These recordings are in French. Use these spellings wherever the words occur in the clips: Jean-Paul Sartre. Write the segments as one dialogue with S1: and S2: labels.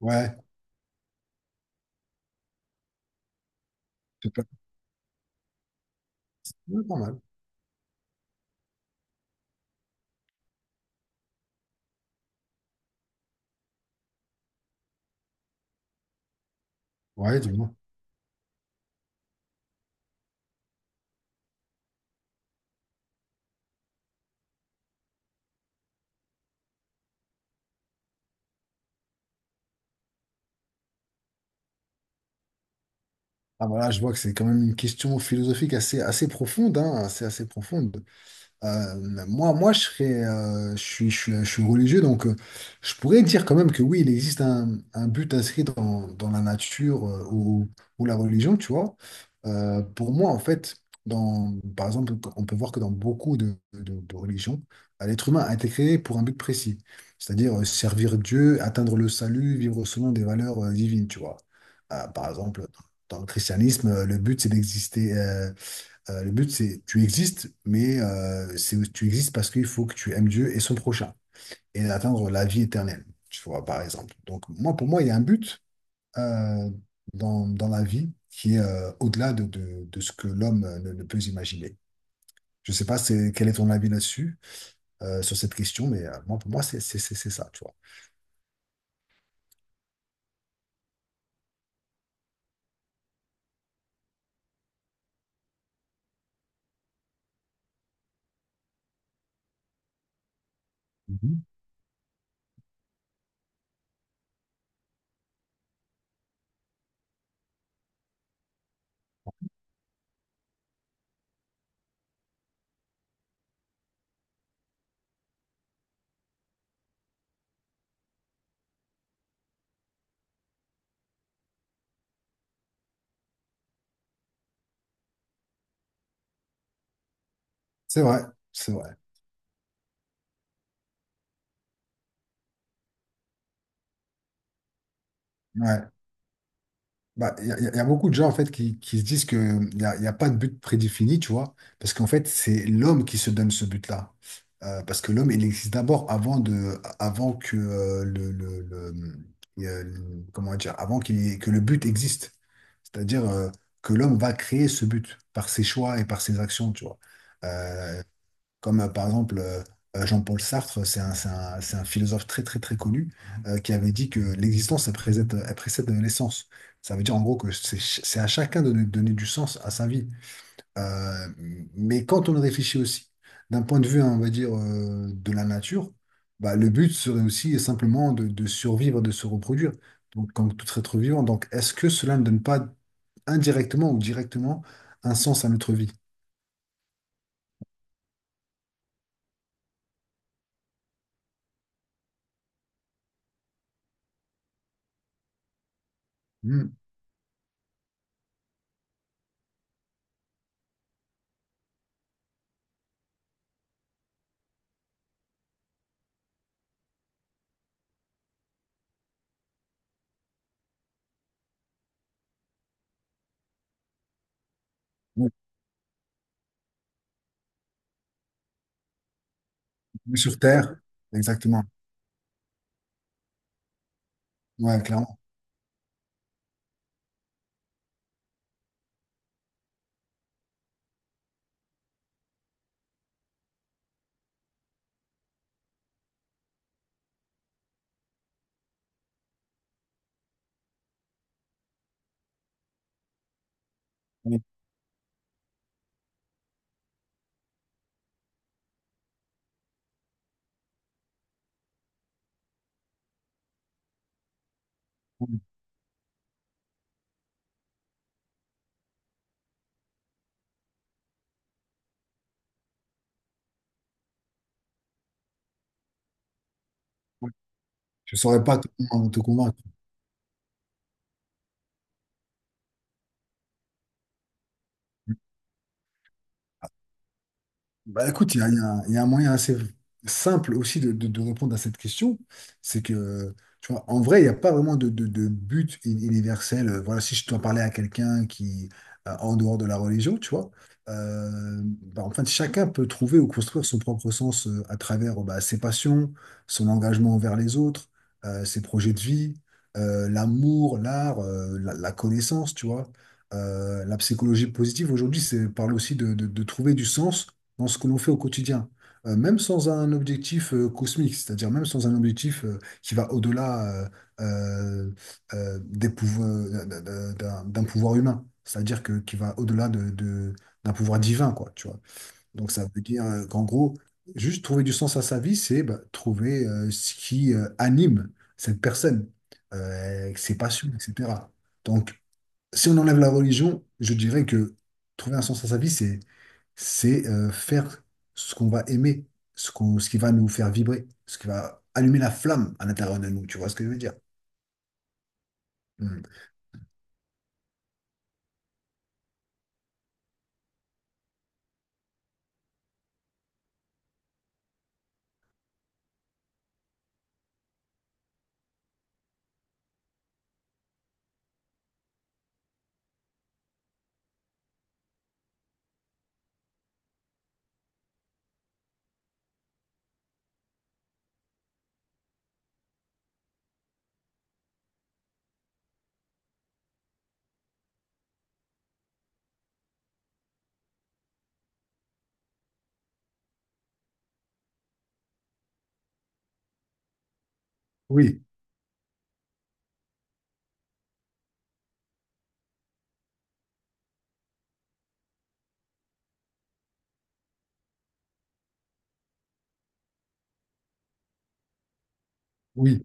S1: Ouais, c'est pas, ouais, pas mal. Ouais, dis-moi. Ah voilà, je vois que c'est quand même une question philosophique assez, assez profonde, hein, assez, assez profonde. Moi, je serais, je suis, je suis, je suis religieux, donc je pourrais dire quand même que oui, il existe un but inscrit dans la nature ou la religion, tu vois. Pour moi, en fait, par exemple, on peut voir que dans beaucoup de religions, l'être humain a été créé pour un but précis, c'est-à-dire servir Dieu, atteindre le salut, vivre selon des valeurs divines, tu vois. Par exemple, dans le christianisme, le but, c'est d'exister. Le but, c'est tu existes, mais c'est tu existes parce qu'il faut que tu aimes Dieu et son prochain et atteindre la vie éternelle, tu vois, par exemple. Donc, moi, pour moi, il y a un but euh, dans la vie qui est au-delà de ce que l'homme ne peut imaginer. Je sais pas quel est ton avis là-dessus, sur cette question, mais moi, pour moi, c'est ça, tu vois. C'est vrai, c'est vrai. Ouais. Bah, il y, a y a- y a beaucoup de gens en fait qui se disent qu'il y a pas de but prédéfini, tu vois, parce qu'en fait, c'est l'homme qui se donne ce but-là. Parce que l'homme, il existe d'abord avant que comment dire, avant qu'il y ait- que le but existe. C'est-à-dire que l'homme va créer ce but par ses choix et par ses actions, tu vois. Euh, comme par exemple Jean-Paul Sartre, c'est un philosophe très très très connu qui avait dit que l'existence elle précède l'essence. Ça veut dire en gros que c'est à chacun de donner du sens à sa vie. Euh, mais quand on réfléchit aussi d'un point de vue, hein, on va dire, de la nature, bah, le but serait aussi simplement de survivre, de se reproduire, donc comme tout être vivant. Donc est-ce que cela ne donne pas indirectement ou directement un sens à notre vie? Hmm. Oui, sur Terre, exactement. Ouais, clairement. Oui. Je saurais pas te convaincre. Bah écoute, il y a un moyen assez simple aussi de répondre à cette question. C'est que, tu vois, en vrai, il n'y a pas vraiment de but universel. Voilà, si je dois parler à quelqu'un qui, en dehors de la religion, tu vois, bah, en fait, chacun peut trouver ou construire son propre sens à travers bah, ses passions, son engagement envers les autres, ses projets de vie, l'amour, l'art, la connaissance, tu vois. La psychologie positive aujourd'hui, c'est parle aussi de trouver du sens dans ce que l'on fait au quotidien, même sans un objectif cosmique, c'est-à-dire même sans un objectif qui va au-delà euh, d'un pouvoir humain, c'est-à-dire que qui va au-delà d'un pouvoir divin, quoi, tu vois. Donc ça veut dire qu'en gros, juste trouver du sens à sa vie, c'est bah, trouver ce qui anime cette personne, ses passions, etc. Donc, si on enlève la religion, je dirais que trouver un sens à sa vie, c'est faire ce qu'on va aimer, ce qui va nous faire vibrer, ce qui va allumer la flamme à l'intérieur de nous. Tu vois ce que je veux dire? Mm. Oui, oui.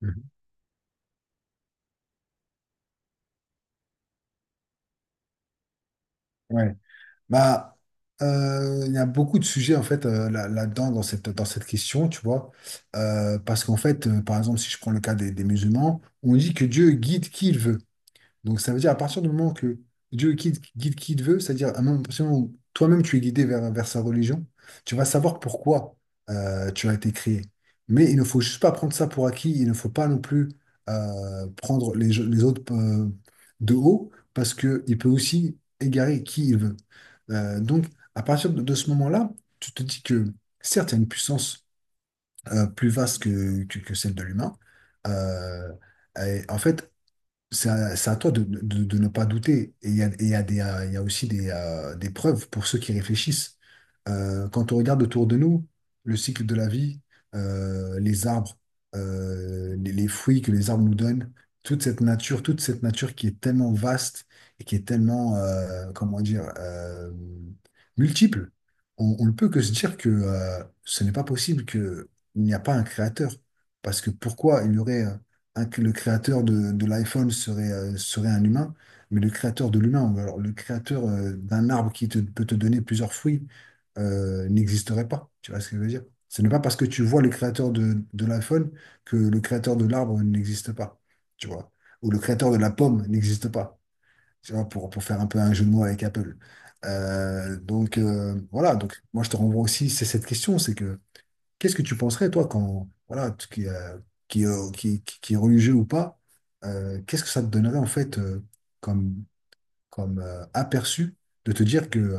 S1: Mhm. Ouais. Bah, il y a beaucoup de sujets en fait là-dedans dans cette question, tu vois. Parce qu'en fait, par exemple, si je prends le cas des musulmans, on dit que Dieu guide qui il veut. Donc ça veut dire à partir du moment que Dieu guide qui il veut, c'est-à-dire à partir du moment où toi-même tu es guidé vers sa religion, tu vas savoir pourquoi tu as été créé. Mais il ne faut juste pas prendre ça pour acquis, il ne faut pas non plus prendre les autres de haut, parce qu'il peut aussi égarer qui il veut. Donc à partir de ce moment-là, tu te dis que certes, il y a une puissance plus vaste que, celle de l'humain. Euh, et en fait, c'est à toi de ne pas douter. Et il y a, et il y a des, Il y a aussi des preuves pour ceux qui réfléchissent. Quand on regarde autour de nous, le cycle de la vie, les arbres, les fruits que les arbres nous donnent, toute cette nature qui est tellement vaste et qui est tellement, comment dire, multiple, on ne peut que se dire que ce n'est pas possible qu'il n'y a pas un créateur. Parce que pourquoi il y aurait, hein, que le créateur de l'iPhone serait un humain, mais le créateur de l'humain, ou alors le créateur d'un arbre peut te donner plusieurs fruits, n'existerait pas. Tu vois ce que je veux dire? Ce n'est pas parce que tu vois le créateur de l'iPhone que le créateur de l'arbre n'existe pas, tu vois. Ou le créateur de la pomme n'existe pas, tu vois, pour faire un peu un jeu de mots avec Apple. Donc, voilà, moi je te renvoie aussi, c'est cette question, c'est que qu'est-ce que tu penserais, toi, quand, voilà, qui est religieux ou pas, qu'est-ce que ça te donnerait, en fait, comme, comme aperçu de te dire que,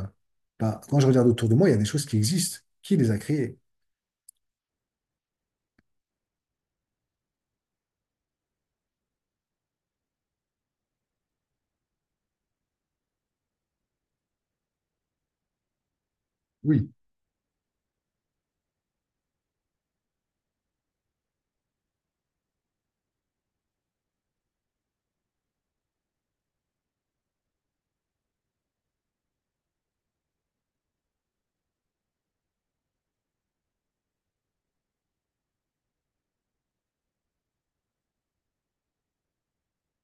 S1: bah, quand je regarde autour de moi, il y a des choses qui existent. Qui les a créées? Oui,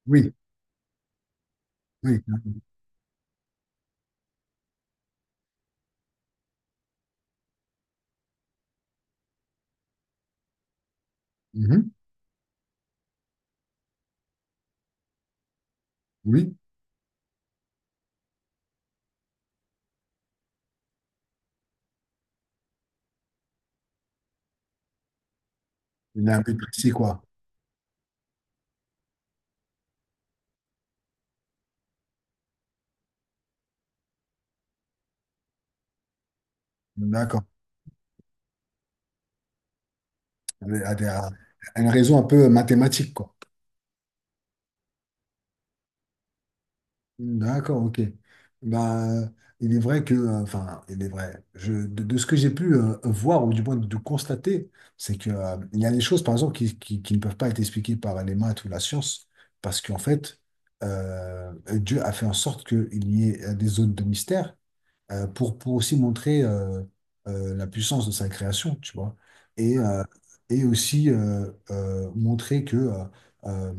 S1: oui, oui. Mhm. Oui, il y a un but précis, quoi. D'accord. À une raison un peu mathématique, quoi. D'accord, ok. Bah, il est vrai que, enfin, il est vrai. De ce que j'ai pu voir, ou du moins de constater, c'est que, il y a des choses, par exemple, qui ne peuvent pas être expliquées par les maths ou la science, parce qu'en fait, Dieu a fait en sorte qu'il y ait des zones de mystère pour aussi montrer la puissance de sa création, tu vois. Et, euh, et aussi montrer que euh,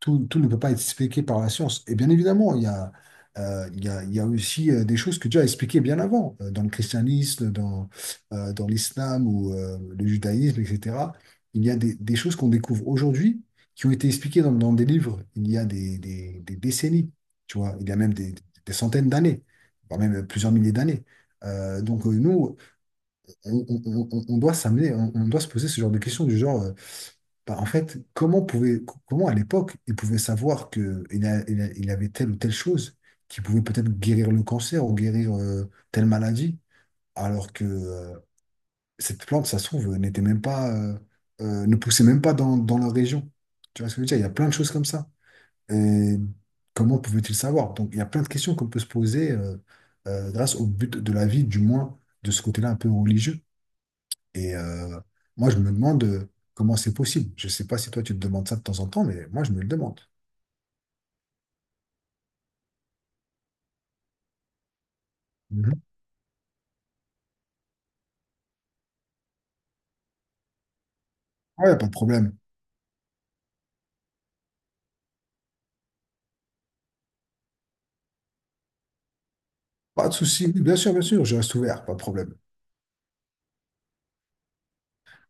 S1: tout ne peut pas être expliqué par la science. Et bien évidemment, il y a aussi des choses que Dieu a expliquées bien avant, dans le christianisme, dans l'islam ou le judaïsme, etc. Il y a des choses qu'on découvre aujourd'hui qui ont été expliquées dans des livres il y a des décennies, tu vois, il y a même des centaines d'années voire même plusieurs milliers d'années. Donc nous, on doit s'amener, on doit se poser ce genre de questions du genre, bah, en fait, comment à l'époque, ils pouvaient savoir que il avait telle ou telle chose qui pouvait peut-être guérir le cancer ou guérir telle maladie, alors que cette plante, ça se trouve, n'était même pas, ne poussait même pas dans leur région. Tu vois ce que je veux dire? Il y a plein de choses comme ça. Et comment pouvait-il savoir? Donc, il y a plein de questions qu'on peut se poser grâce au but de la vie, du moins de ce côté-là un peu religieux. Et moi, je me demande comment c'est possible. Je ne sais pas si toi, tu te demandes ça de temps en temps, mais moi, je me le demande. Mhm. Ouais, pas de problème. Pas de souci. Bien sûr, je reste ouvert, pas de problème.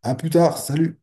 S1: À plus tard, salut.